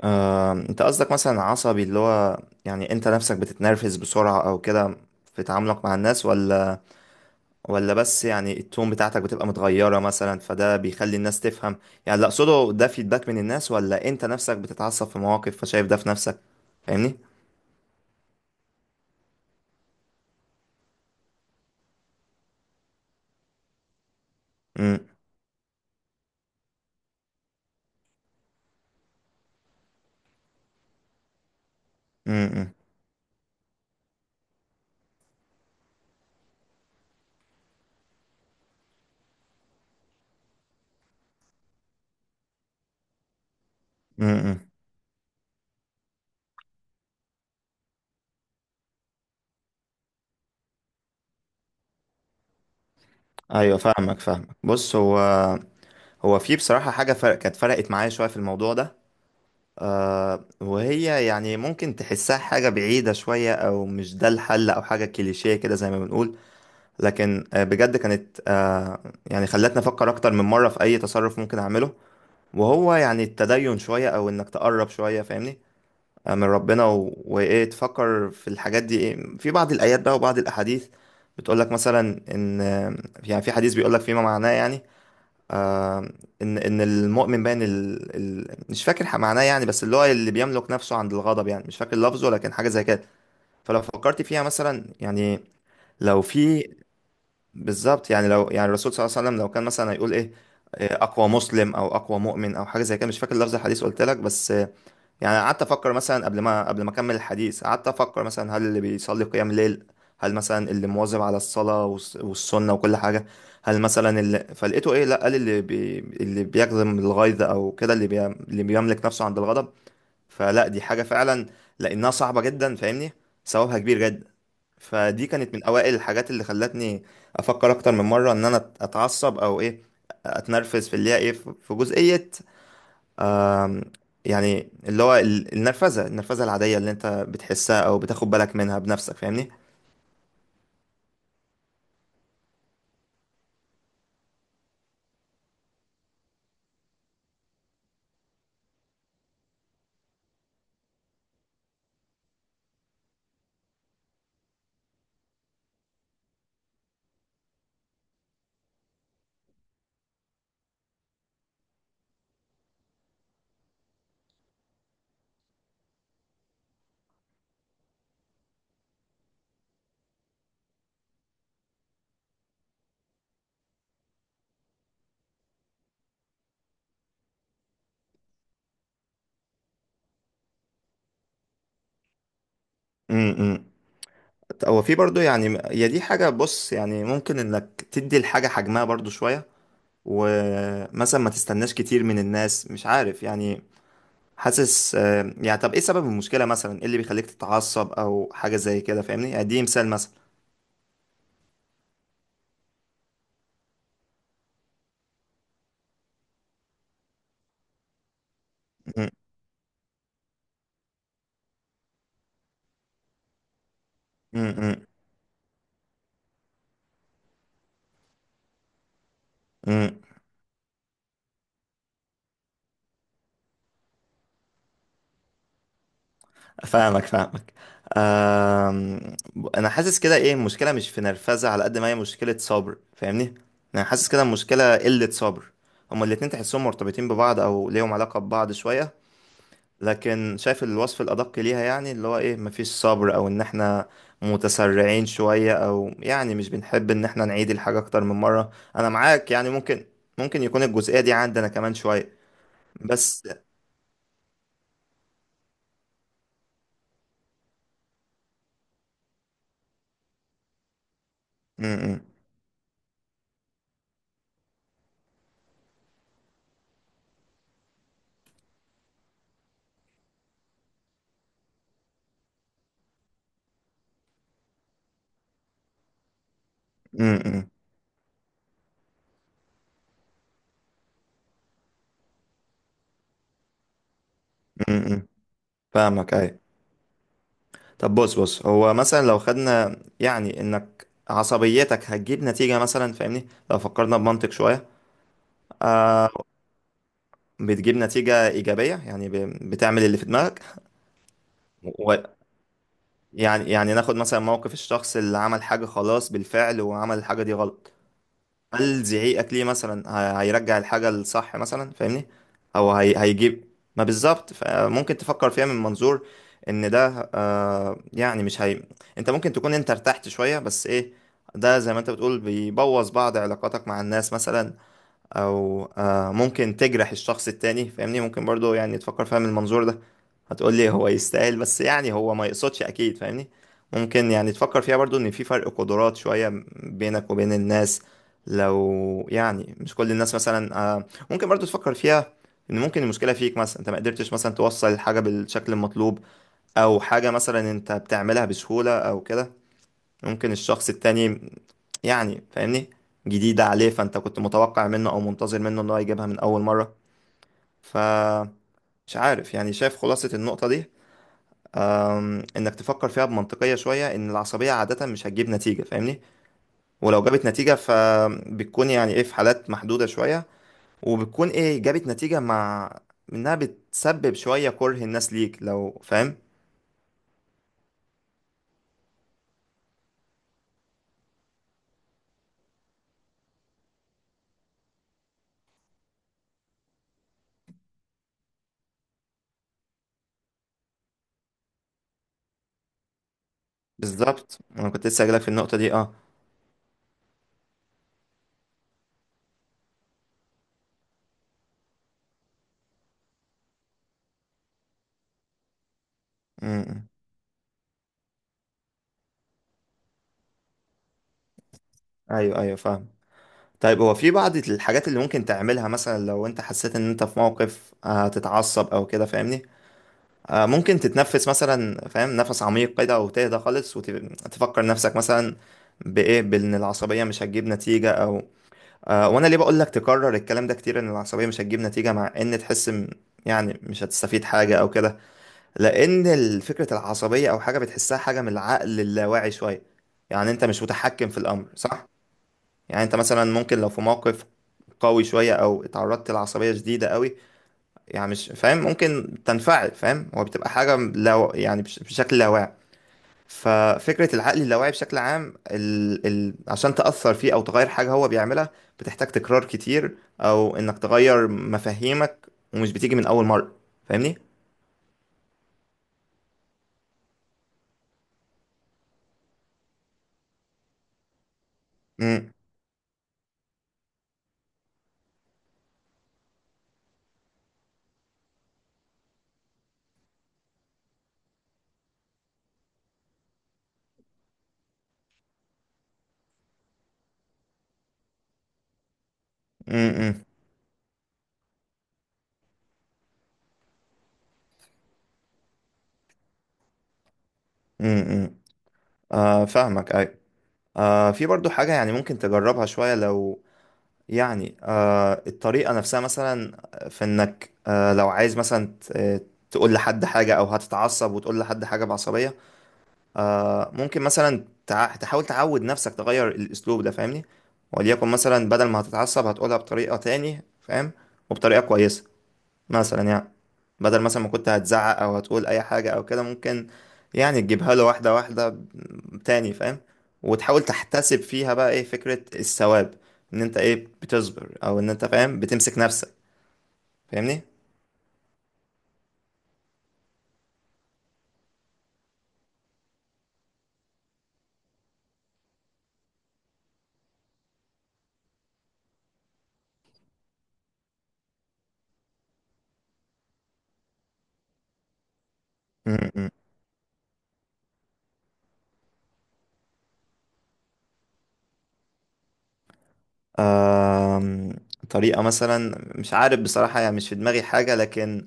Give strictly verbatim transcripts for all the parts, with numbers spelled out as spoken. آه، انت قصدك مثلا عصبي اللي هو يعني انت نفسك بتتنرفز بسرعة او كده في تعاملك مع الناس ولا ولا بس يعني التون بتاعتك بتبقى متغيرة مثلا فده بيخلي الناس تفهم. يعني اللي اقصده ده فيدباك من الناس ولا انت نفسك بتتعصب في مواقف فشايف ده في نفسك. فاهمني؟ امم. امم. امم. ايوه فاهمك فاهمك. بص هو هو في بصراحة حاجة فرق كانت فرقت معايا شوية في الموضوع ده. آه، وهي يعني ممكن تحسها حاجة بعيدة شوية أو مش ده الحل أو حاجة كليشيه كده زي ما بنقول، لكن آه بجد كانت آه يعني خلتني أفكر أكتر من مرة في أي تصرف ممكن أعمله. وهو يعني التدين شوية أو إنك تقرب شوية فاهمني؟ آه، من ربنا و... وإيه تفكر في الحاجات دي. إيه، في بعض الآيات بقى وبعض الأحاديث بتقولك مثلا إن آه، يعني في حديث بيقولك فيما معناه يعني آه ان ان المؤمن باين ال... ال... مش فاكر ح- معناه، يعني بس اللي هو اللي بيملك نفسه عند الغضب، يعني مش فاكر لفظه لكن حاجه زي كده. فلو فكرت فيها مثلا يعني. لو في بالظبط، يعني لو يعني الرسول صلى الله عليه وسلم لو كان مثلا هيقول ايه آه، اقوى مسلم او اقوى مؤمن او حاجه زي كده، مش فاكر لفظ الحديث قلت لك بس. يعني قعدت افكر مثلا قبل ما قبل ما اكمل الحديث قعدت افكر مثلا هل اللي بيصلي قيام ليل، هل مثلا اللي مواظب على الصلاة والس- والسنة وكل حاجة، هل مثلا اللي فلقيته ايه؟ لا، قال اللي بي... اللي بيكظم الغيظ او كده اللي بي... اللي بيملك نفسه عند الغضب. فلا، دي حاجة فعلا لانها صعبة جدا فاهمني، ثوابها كبير جدا. فدي كانت من اوائل الحاجات اللي خلتني افكر اكتر من مرة ان انا اتعصب او ايه اتنرفز في اللي هي ايه في في جزئية. آم، يعني اللي هو ال- النرفزة النرفزة العادية اللي انت بتحسها او بتاخد بالك منها بنفسك فاهمني. امم. هو في برضو يعني هي دي حاجة. بص، يعني ممكن انك تدي الحاجة حجمها برضو شوية ومثلا ما تستناش كتير من الناس مش عارف يعني. حاسس آه، يعني طب ايه سبب المشكلة مثلا ايه اللي بيخليك تتعصب او حاجة زي كده فاهمني؟ يعني دي مثال مثلا. امم. فاهمك فاهمك. أم... انا حاسس كده ايه المشكله مش في نرفزه على قد ما هي مشكله صبر فاهمني. انا حاسس كده المشكله قله صبر. هما الاتنين تحسهم مرتبطين ببعض او ليهم علاقه ببعض شويه. لكن شايف الوصف الادق ليها يعني اللي هو ايه مفيش صبر او ان احنا متسرعين شويه او يعني مش بنحب ان احنا نعيد الحاجه اكتر من مره، انا معاك يعني ممكن. ممكن يكون الجزئيه دي عندنا كمان شويه بس. م -م. م -م. م -م. فاهمك ايوه. طب بص بص هو مثلا لو خدنا يعني انك عصبيتك هتجيب نتيجة مثلا فاهمني لو فكرنا بمنطق شوية. آه، بتجيب نتيجة إيجابية يعني ب- بتعمل اللي في دماغك. و- يعني يعني ناخد مثلا موقف الشخص اللي عمل حاجة خلاص بالفعل وعمل الحاجة دي غلط. هل زعيقك ليه مثلا ه- هيرجع الحاجة الصح مثلا فاهمني؟ او هي هيجيب ما بالظبط، فممكن تفكر فيها من منظور ان ده آه يعني مش هي. انت ممكن تكون انت ارتحت شوية بس ايه، ده زي ما انت بتقول بيبوظ بعض علاقاتك مع الناس مثلا. او آه، ممكن تجرح الشخص التاني فاهمني، ممكن برضو يعني تفكر فيها من المنظور ده. هتقول لي هو يستاهل، بس يعني هو ما يقصدش اكيد فاهمني. ممكن يعني تفكر فيها برضو ان في فرق قدرات شوية بينك وبين الناس. لو يعني مش كل الناس مثلا آه، ممكن برضو تفكر فيها ان ممكن المشكلة فيك مثلا، انت ما قدرتش مثلا توصل الحاجة بالشكل المطلوب او حاجة مثلا انت بتعملها بسهولة او كده. ممكن الشخص التاني يعني فاهمني جديدة عليه، فانت كنت متوقع منه او منتظر منه ان هو يجيبها من اول مرة، فمش عارف يعني. شايف خلاصة النقطة دي أم، انك تفكر فيها بمنطقية شوية ان العصبية عادة مش هتجيب نتيجة فاهمني. ولو جابت نتيجة فبتكون يعني ايه في حالات محدودة شوية، وبتكون ايه جابت نتيجة مع انها بتسبب شوية كره الناس ليك لو فاهم. بالظبط، انا كنت لسه جايلك في النقطة دي اه. م- م. ايوه ايوه فاهم. طيب هو في بعض الحاجات اللي ممكن تعملها مثلا لو انت حسيت ان انت في موقف هتتعصب او كده فاهمني. آه، ممكن تتنفس مثلا فاهم، نفس عميق كده وتهدى خالص وتفكر نفسك مثلا بايه بان العصبيه مش هتجيب نتيجه او آه. وانا ليه بقول لك تكرر الكلام ده كتير ان العصبيه مش هتجيب نتيجه مع ان تحس م- يعني مش هتستفيد حاجه او كده. لان ال- فكره العصبيه او حاجه بتحسها حاجه من العقل اللاواعي شويه. يعني انت مش متحكم في الامر صح. يعني انت مثلا ممكن لو في موقف قوي شويه او اتعرضت لعصبيه شديده قوي يعني مش فاهم ممكن تنفعل فاهم، هو بتبقى حاجة لو يعني بش- بشكل لاواعي. ففكرة العقل اللاواعي بشكل عام ال... ال... عشان تأثر فيه أو تغير حاجة هو بيعملها بتحتاج تكرار كتير أو إنك تغير مفاهيمك، ومش بتيجي من أول مرة. فاهمني؟ امم. امم. امم. آه فاهمك أيوة. آه، في برضو حاجة يعني ممكن تجربها شوية لو يعني آه الطريقة نفسها مثلا في انك آه لو عايز مثلا ت- تقول لحد حاجة او هتتعصب وتقول لحد حاجة بعصبية. آه، ممكن مثلا تع- تحاول تعود نفسك تغير الاسلوب ده فاهمني. وليكن مثلا بدل ما هتتعصب هتقولها بطريقة تاني فاهم، وبطريقة كويسة مثلا يعني. بدل مثلا ما كنت هتزعق او هتقول اي حاجة او كده ممكن يعني تجيبها له واحدة واحدة ب- تاني فاهم. وتحاول تحتسب فيها بقى ايه فكرة الثواب، ان انت ايه بتصبر او ان انت فاهم بتمسك نفسك فاهمني. م- م. آم، طريقة مثلا مش عارف بصراحة يعني مش في دماغي حاجة، لكن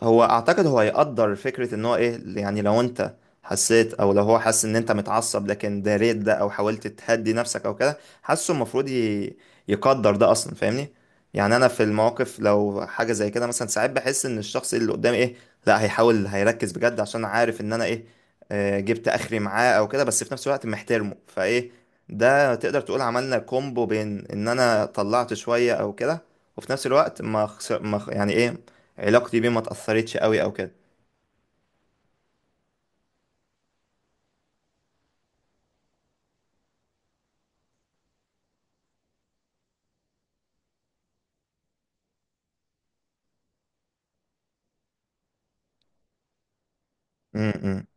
هو اعتقد هو يقدر فكرة ان هو ايه. يعني لو انت حسيت او لو هو حاسس ان انت متعصب لكن داريت ده او حاولت تهدي نفسك او كده حاسه المفروض ي- يقدر ده اصلا فاهمني. يعني انا في المواقف لو حاجة زي كده مثلا ساعات بحس ان الشخص اللي قدامي ايه، لا هيحاول هيركز بجد عشان عارف ان انا ايه آه، جبت اخري معاه او كده بس في نفس الوقت محترمه فايه. ده تقدر تقول عملنا كومبو بين ان انا طلعت شوية او كده، وفي نفس الوقت ما خسر ما خ- يعني ايه علاقتي بيه ما اتأثرتش قوي او كده. م- م.